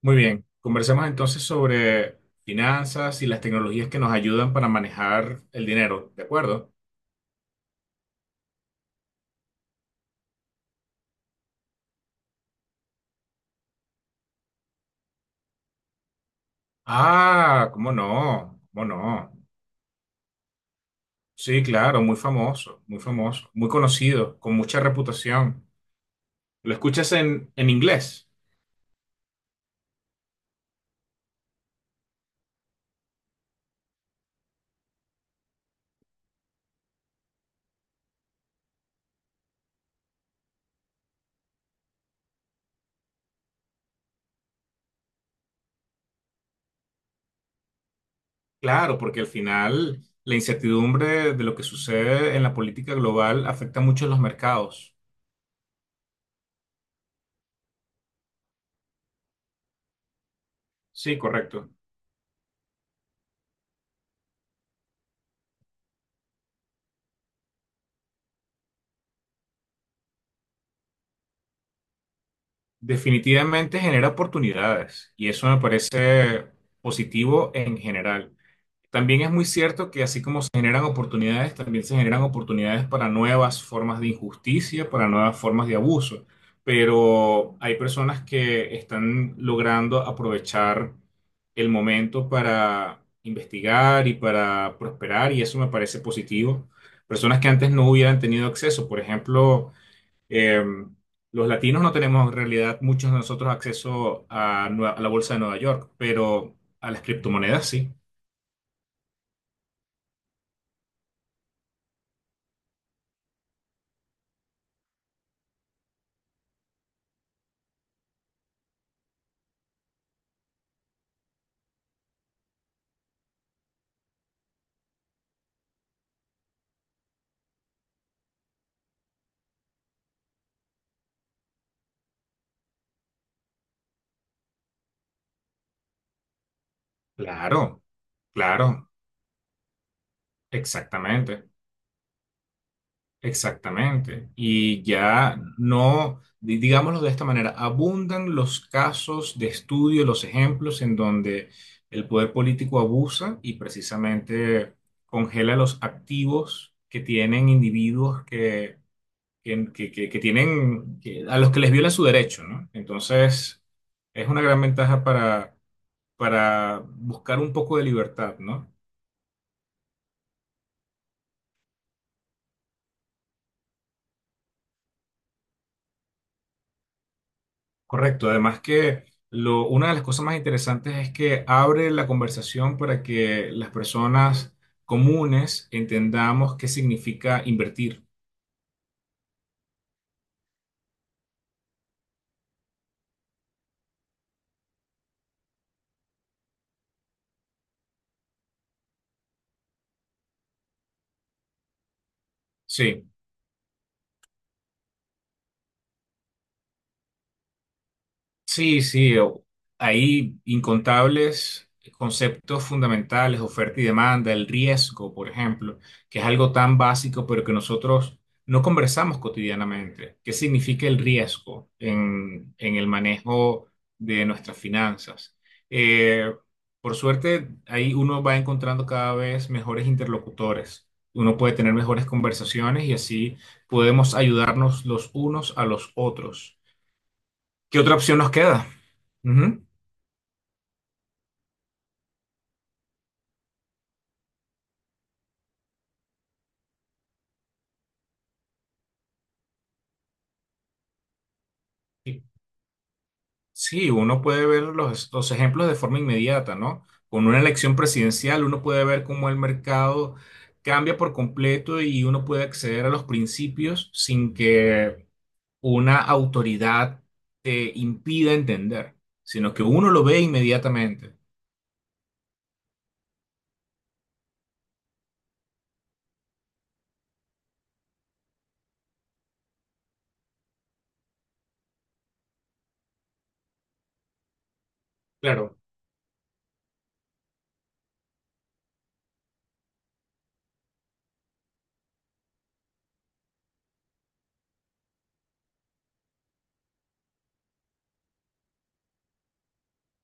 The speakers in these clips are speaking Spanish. Muy bien, conversemos entonces sobre finanzas y las tecnologías que nos ayudan para manejar el dinero, ¿de acuerdo? Ah, ¿cómo no? ¿Cómo no? Sí, claro, muy famoso, muy famoso, muy conocido, con mucha reputación. ¿Lo escuchas en inglés? Claro, porque al final la incertidumbre de lo que sucede en la política global afecta mucho a los mercados. Sí, correcto. Definitivamente genera oportunidades y eso me parece positivo en general. También es muy cierto que así como se generan oportunidades, también se generan oportunidades para nuevas formas de injusticia, para nuevas formas de abuso. Pero hay personas que están logrando aprovechar el momento para investigar y para prosperar, y eso me parece positivo. Personas que antes no hubieran tenido acceso, por ejemplo, eh, los latinos no tenemos en realidad muchos de nosotros acceso a, a la bolsa de Nueva York, pero a las criptomonedas sí. Claro, claro, exactamente, exactamente. Y ya no, digámoslo de esta manera, abundan los casos de estudio, los ejemplos en donde el poder político abusa y precisamente congela los activos que tienen individuos que tienen, a los que les viola su derecho, ¿no? Entonces, es una gran ventaja para buscar un poco de libertad, ¿no? Correcto, además que lo, una de las cosas más interesantes es que abre la conversación para que las personas comunes entendamos qué significa invertir. Sí, Sí, sí, o- hay incontables conceptos fundamentales, oferta y demanda, el riesgo, por ejemplo, que es algo tan básico, pero que nosotros no conversamos cotidianamente. ¿Qué significa el riesgo en el manejo de nuestras finanzas? Eh, por suerte, ahí uno va encontrando cada vez mejores interlocutores. Uno puede tener mejores conversaciones y así podemos ayudarnos los unos a los otros. ¿Qué otra opción nos queda? Ujú. Y- Sí, uno puede ver los ejemplos de forma inmediata, ¿no? Con una elección presidencial, uno puede ver cómo el mercado cambia por completo y uno puede acceder a los principios sin que una autoridad te impida entender, sino que uno lo ve inmediatamente. Claro.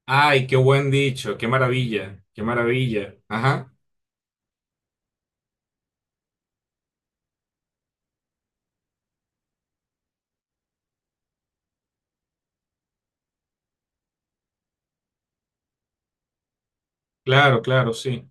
Ay, qué buen dicho, qué maravilla, qué maravilla. Ajá, claro, claro, sí.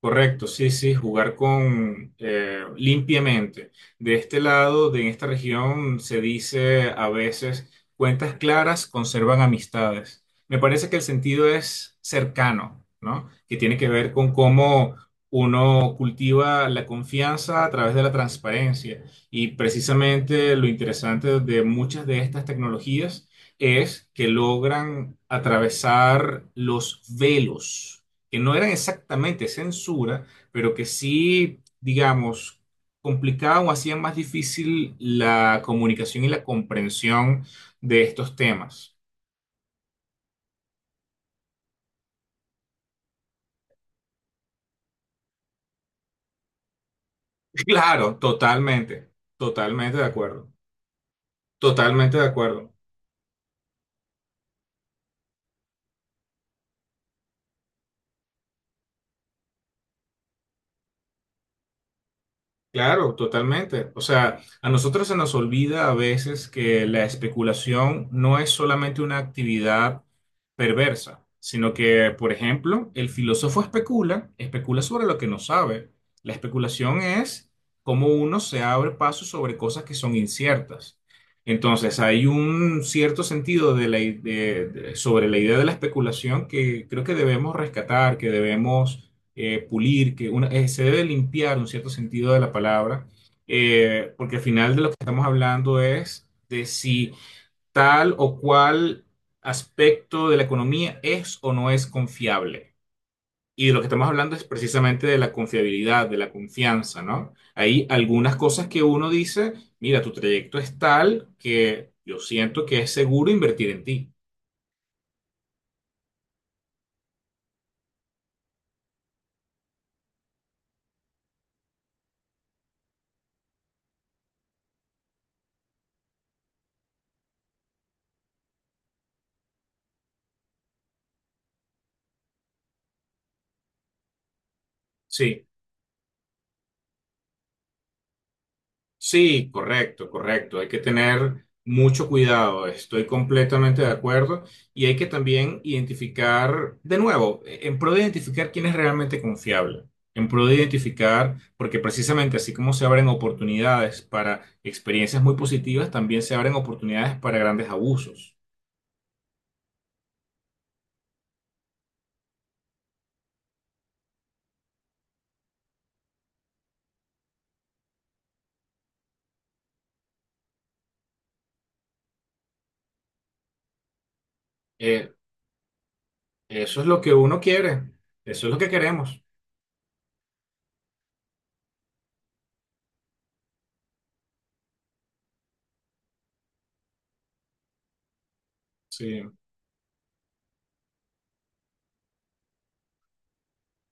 Correcto, sí, sí, jugar con limpiamente. De este lado, de esta región, se dice a veces, cuentas claras conservan amistades. Me parece que el sentido es cercano, ¿no? Que tiene que ver con cómo uno cultiva la confianza a través de la transparencia. Y precisamente lo interesante de muchas de estas tecnologías es que logran atravesar los velos que no eran exactamente censura, pero que sí, digamos, complicaban o hacían más difícil la comunicación y la comprensión de estos temas. Claro, totalmente, totalmente de acuerdo, totalmente de acuerdo. Claro, totalmente. O sea, a nosotros se nos olvida a veces que la especulación no es solamente una actividad perversa, sino que, por ejemplo, el filósofo especula, especula sobre lo que no sabe. La especulación es cómo uno se abre paso sobre cosas que son inciertas. Entonces, hay un cierto sentido de sobre la idea de la especulación que creo que debemos rescatar, que debemos pulir, que una, se debe limpiar un cierto sentido de la palabra, porque al final de lo que estamos hablando es de si tal o cual aspecto de la economía es o no es confiable. Y de lo que estamos hablando es precisamente de la confiabilidad, de la confianza, ¿no? Hay algunas cosas que uno dice, mira, tu trayecto es tal que yo siento que es seguro invertir en ti. Sí. Sí, correcto, correcto. Hay que tener mucho cuidado. Estoy completamente de acuerdo. Y hay que también identificar, de nuevo, en pro de identificar quién es realmente confiable. En pro de identificar, porque precisamente así como se abren oportunidades para experiencias muy positivas, también se abren oportunidades para grandes abusos. Eh, eso es lo que uno quiere. Eso es lo que queremos. Sí.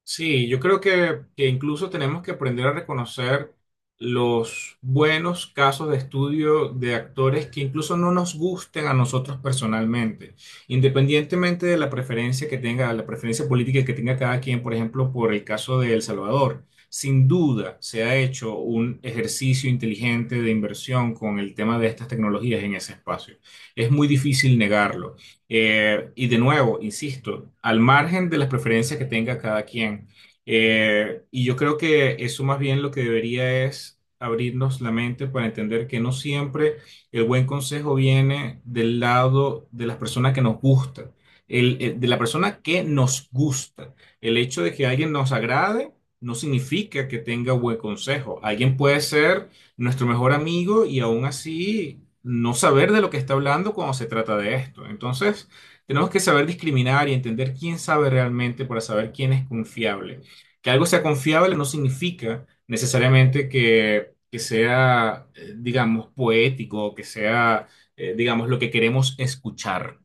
Sí, yo creo que incluso tenemos que aprender a reconocer los buenos casos de estudio de actores que incluso no nos gusten a nosotros personalmente, independientemente de la preferencia que tenga, la preferencia política que tenga cada quien, por ejemplo, por el caso de El Salvador. Sin duda se ha hecho un ejercicio inteligente de inversión con el tema de estas tecnologías en ese espacio. Es muy difícil negarlo. Y de nuevo, insisto, al margen de las preferencias que tenga cada quien. Y yo creo que eso más bien lo que debería es abrirnos la mente para entender que no siempre el buen consejo viene del lado de las personas que nos gusta, de la persona que nos gusta. El hecho de que alguien nos agrade no significa que tenga buen consejo. Alguien puede ser nuestro mejor amigo y aún así no saber de lo que está hablando cuando se trata de esto. Entonces, tenemos que saber discriminar y entender quién sabe realmente para saber quién es confiable. Que algo sea confiable no significa necesariamente que sea, digamos, poético, o que sea, digamos, lo que queremos escuchar.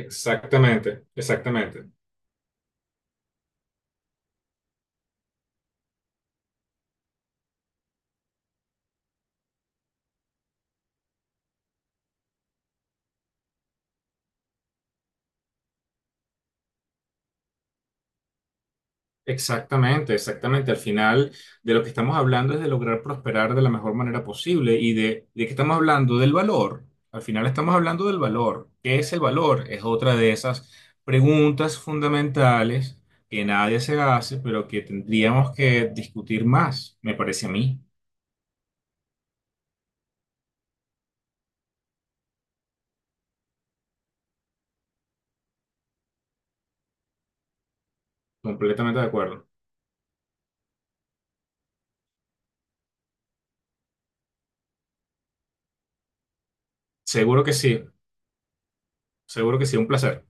Exactamente, exactamente. Exactamente, exactamente. Al final de lo que estamos hablando es de lograr prosperar de la mejor manera posible y de qué estamos hablando del valor. Al final estamos hablando del valor. ¿Qué es el valor? Es otra de esas preguntas fundamentales que nadie se hace, pero que tendríamos que discutir más, me parece a mí. Completamente de acuerdo. Seguro que sí, seguro que sí, un placer.